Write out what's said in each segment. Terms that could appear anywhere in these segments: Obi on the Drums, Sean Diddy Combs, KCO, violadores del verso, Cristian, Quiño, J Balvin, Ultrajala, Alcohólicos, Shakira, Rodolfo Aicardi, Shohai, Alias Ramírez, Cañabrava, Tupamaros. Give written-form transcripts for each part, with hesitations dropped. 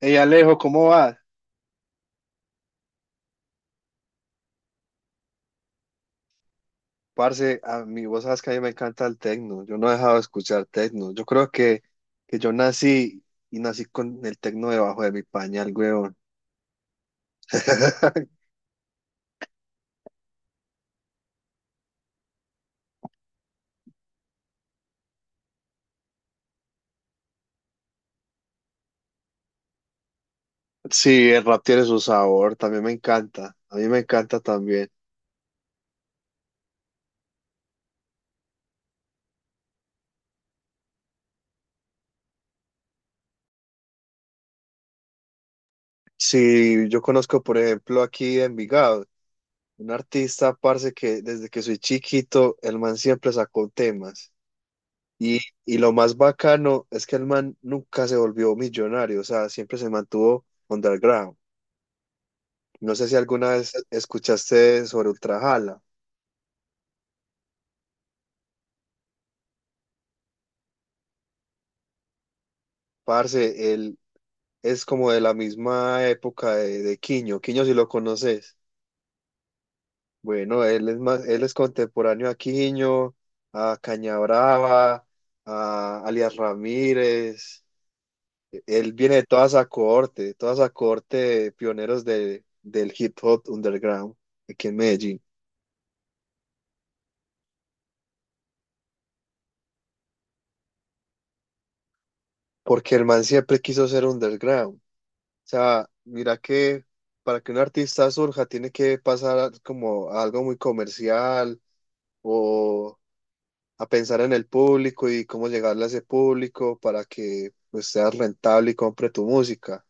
Hey Alejo, ¿cómo vas? Parce, a mí, vos sabes que a mí me encanta el tecno. Yo no he dejado de escuchar tecno. Yo creo que yo nací y nací con el tecno debajo de mi pañal, weón. Sí, el rap tiene su sabor, también me encanta. A mí me encanta también. Sí, yo conozco, por ejemplo, aquí en Envigado, un artista, parce, que desde que soy chiquito, el man siempre sacó temas. Y, y lo más bacano es que el man nunca se volvió millonario, o sea, siempre se mantuvo underground. No sé si alguna vez escuchaste sobre Ultrajala. Parce, él es como de la misma época de Quiño. Quiño, si lo conoces. Bueno, él es más, él es contemporáneo a Quiño, a Cañabrava, a Alias Ramírez. Él viene de toda esa cohorte, de toda esa cohorte de pioneros del hip hop underground aquí en Medellín. Porque el man siempre quiso ser underground. O sea, mira que para que un artista surja tiene que pasar como a algo muy comercial o a pensar en el público y cómo llegarle a ese público para que pues, seas rentable y compre tu música.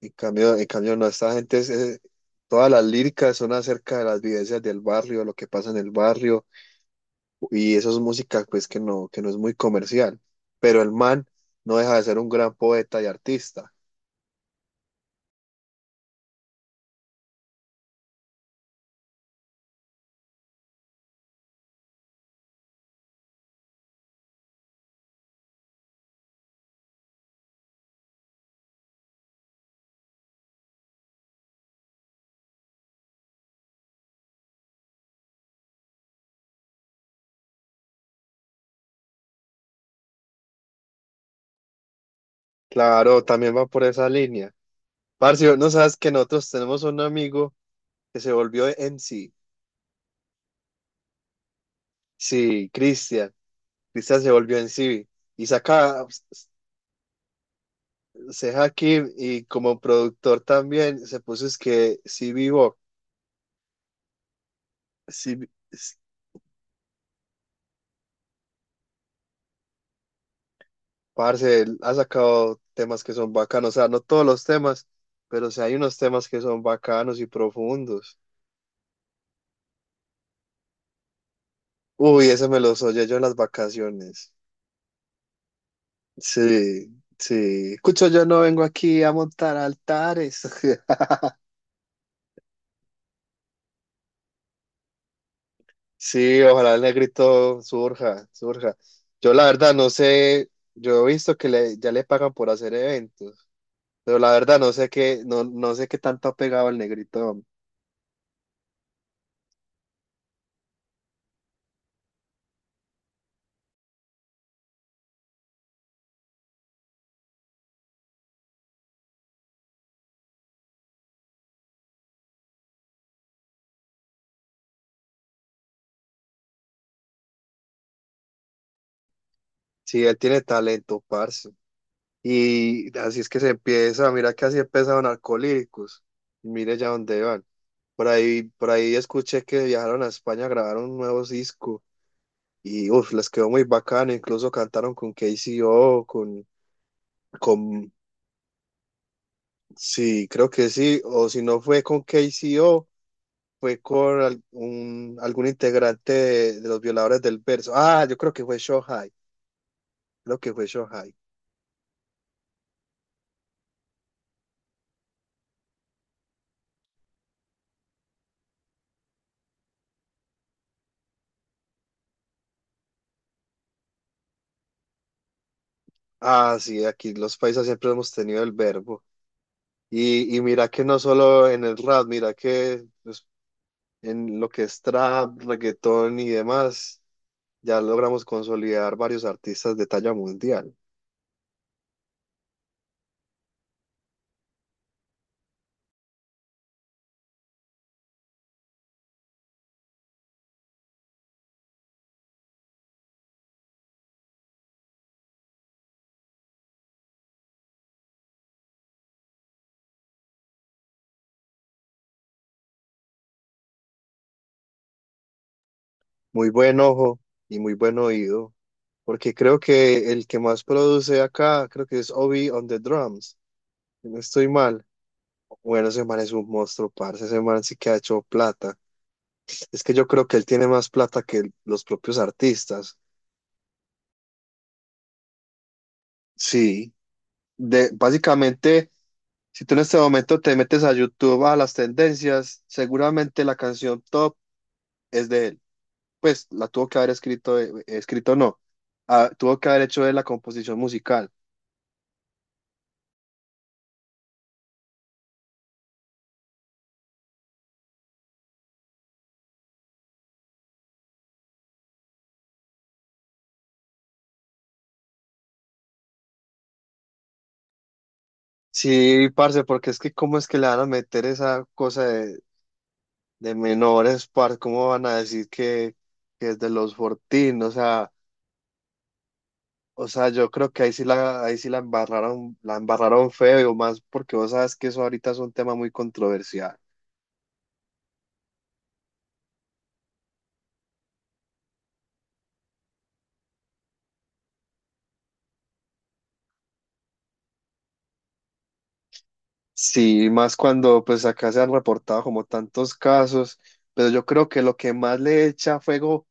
En cambio no, esta gente, todas las líricas son acerca de las vivencias del barrio, lo que pasa en el barrio y eso es música pues que no es muy comercial. Pero el man no deja de ser un gran poeta y artista. Claro, también va por esa línea. Parce, no sabes que nosotros tenemos un amigo que se volvió MC. Sí, sí, Cristian. Cristian se volvió MC. Y saca, se aquí y como productor también se puso es que sí vivo. Sí, parce, él ha sacado temas que son bacanos. O sea, no todos los temas, pero sí hay unos temas que son bacanos y profundos. Uy, ese me los oye yo en las vacaciones. Sí, sí. Escucho, yo no vengo aquí a montar altares. Sí, ojalá el negrito surja, surja. Yo la verdad no sé, yo he visto que le, ya le pagan por hacer eventos, pero la verdad no sé qué, no sé qué tanto ha pegado el negrito. Sí, él tiene talento, parce. Y así es que se empieza, mira que así empezaron Alcohólicos. Mire ya dónde van. Por ahí escuché que viajaron a España a grabar un nuevo disco y uf, les quedó muy bacano, incluso cantaron con KCO, con sí, creo que sí, o si no fue con KCO, fue con algún integrante de los violadores del verso. Ah, yo creo que fue Shohai, creo que fue Shohai. Ah, sí, aquí los paisas siempre hemos tenido el verbo. Y mira que no solo en el rap, mira que pues, en lo que es trap, reggaetón y demás, ya logramos consolidar varios artistas de talla mundial. Muy buen ojo y muy buen oído. Porque creo que el que más produce acá, creo que es Obi on the Drums. Si no estoy mal. Bueno, ese man es un monstruo, parce. Ese man sí que ha hecho plata. Es que yo creo que él tiene más plata que los propios artistas. Sí. De, básicamente, si tú en este momento te metes a YouTube a las tendencias, seguramente la canción top es de él. Pues la tuvo que haber escrito, escrito no. Ah, tuvo que haber hecho de la composición musical. Sí, parce, porque es que cómo es que le van a meter esa cosa de menores, par, ¿cómo van a decir que es de los Fortín? Yo creo que ahí sí la embarraron feo, más porque vos sabes que eso ahorita es un tema muy controversial. Sí, más cuando pues acá se han reportado como tantos casos, pero yo creo que lo que más le echa fuego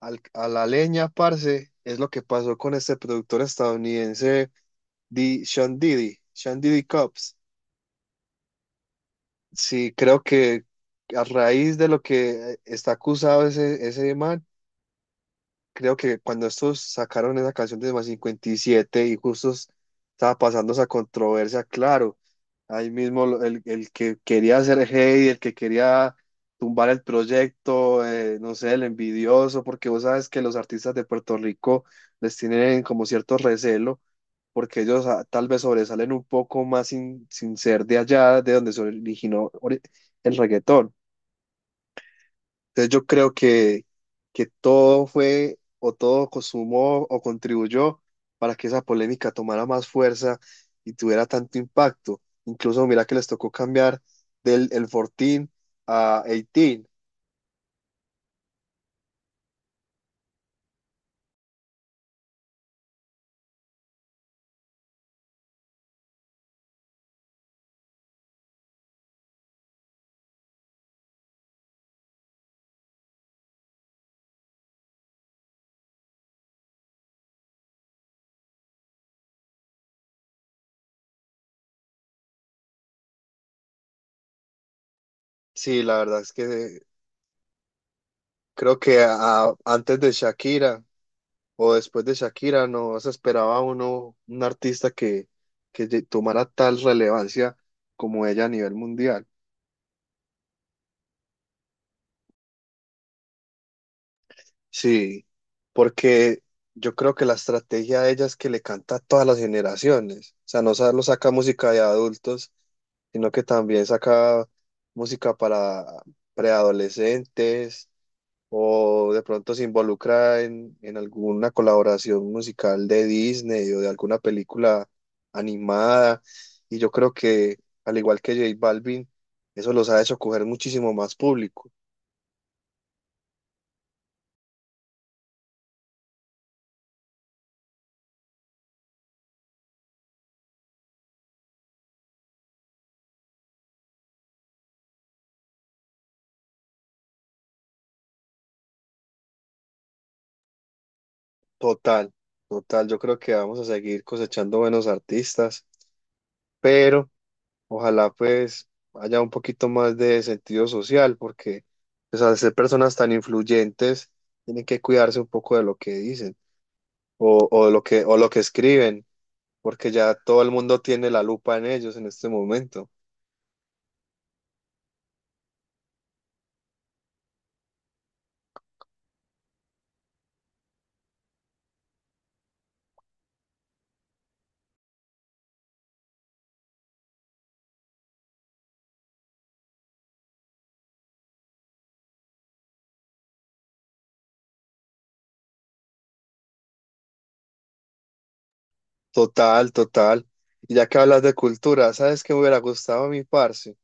a la leña, parce, es lo que pasó con este productor estadounidense, Sean Diddy Combs. Sí, creo que a raíz de lo que está acusado ese man, creo que cuando estos sacaron esa canción de más 57 y siete y justo estaba pasando esa controversia, claro, ahí mismo el que quería hacer hate, el que quería tumbar el proyecto, no sé, el envidioso, porque vos sabes que los artistas de Puerto Rico les tienen como cierto recelo porque ellos tal vez sobresalen un poco más sin ser de allá, de donde se originó el reggaetón. Entonces yo creo que todo fue o todo consumó o contribuyó para que esa polémica tomara más fuerza y tuviera tanto impacto. Incluso mira que les tocó cambiar del el 14 a 18. Sí, la verdad es que creo que antes de Shakira o después de Shakira, no se esperaba uno, un artista que, tomara tal relevancia como ella a nivel mundial. Sí, porque yo creo que la estrategia de ella es que le canta a todas las generaciones. O sea, no solo saca música de adultos, sino que también saca música para preadolescentes, o de pronto se involucra en alguna colaboración musical de Disney o de alguna película animada. Y yo creo que, al igual que J Balvin, eso los ha hecho coger muchísimo más público. Total, total. Yo creo que vamos a seguir cosechando buenos artistas, pero ojalá pues haya un poquito más de sentido social, porque pues, al ser personas tan influyentes, tienen que cuidarse un poco de lo que dicen o lo que escriben. Porque ya todo el mundo tiene la lupa en ellos en este momento. Total, total. Y ya que hablas de cultura, ¿sabes qué me hubiera gustado a mi parce?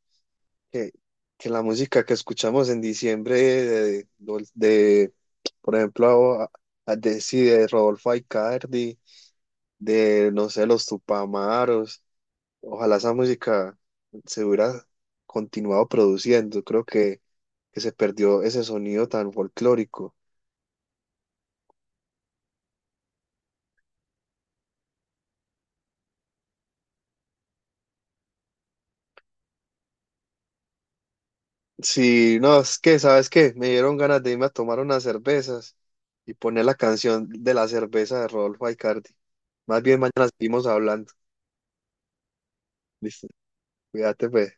Que, que la música que escuchamos en diciembre por ejemplo, sí, de Rodolfo Aicardi, de, no sé, los Tupamaros, ojalá esa música se hubiera continuado produciendo. Creo que se perdió ese sonido tan folclórico. Sí, no, es que, ¿sabes qué? Me dieron ganas de irme a tomar unas cervezas y poner la canción de la cerveza de Rodolfo Aicardi. Más bien mañana seguimos hablando. Listo, cuídate, pues.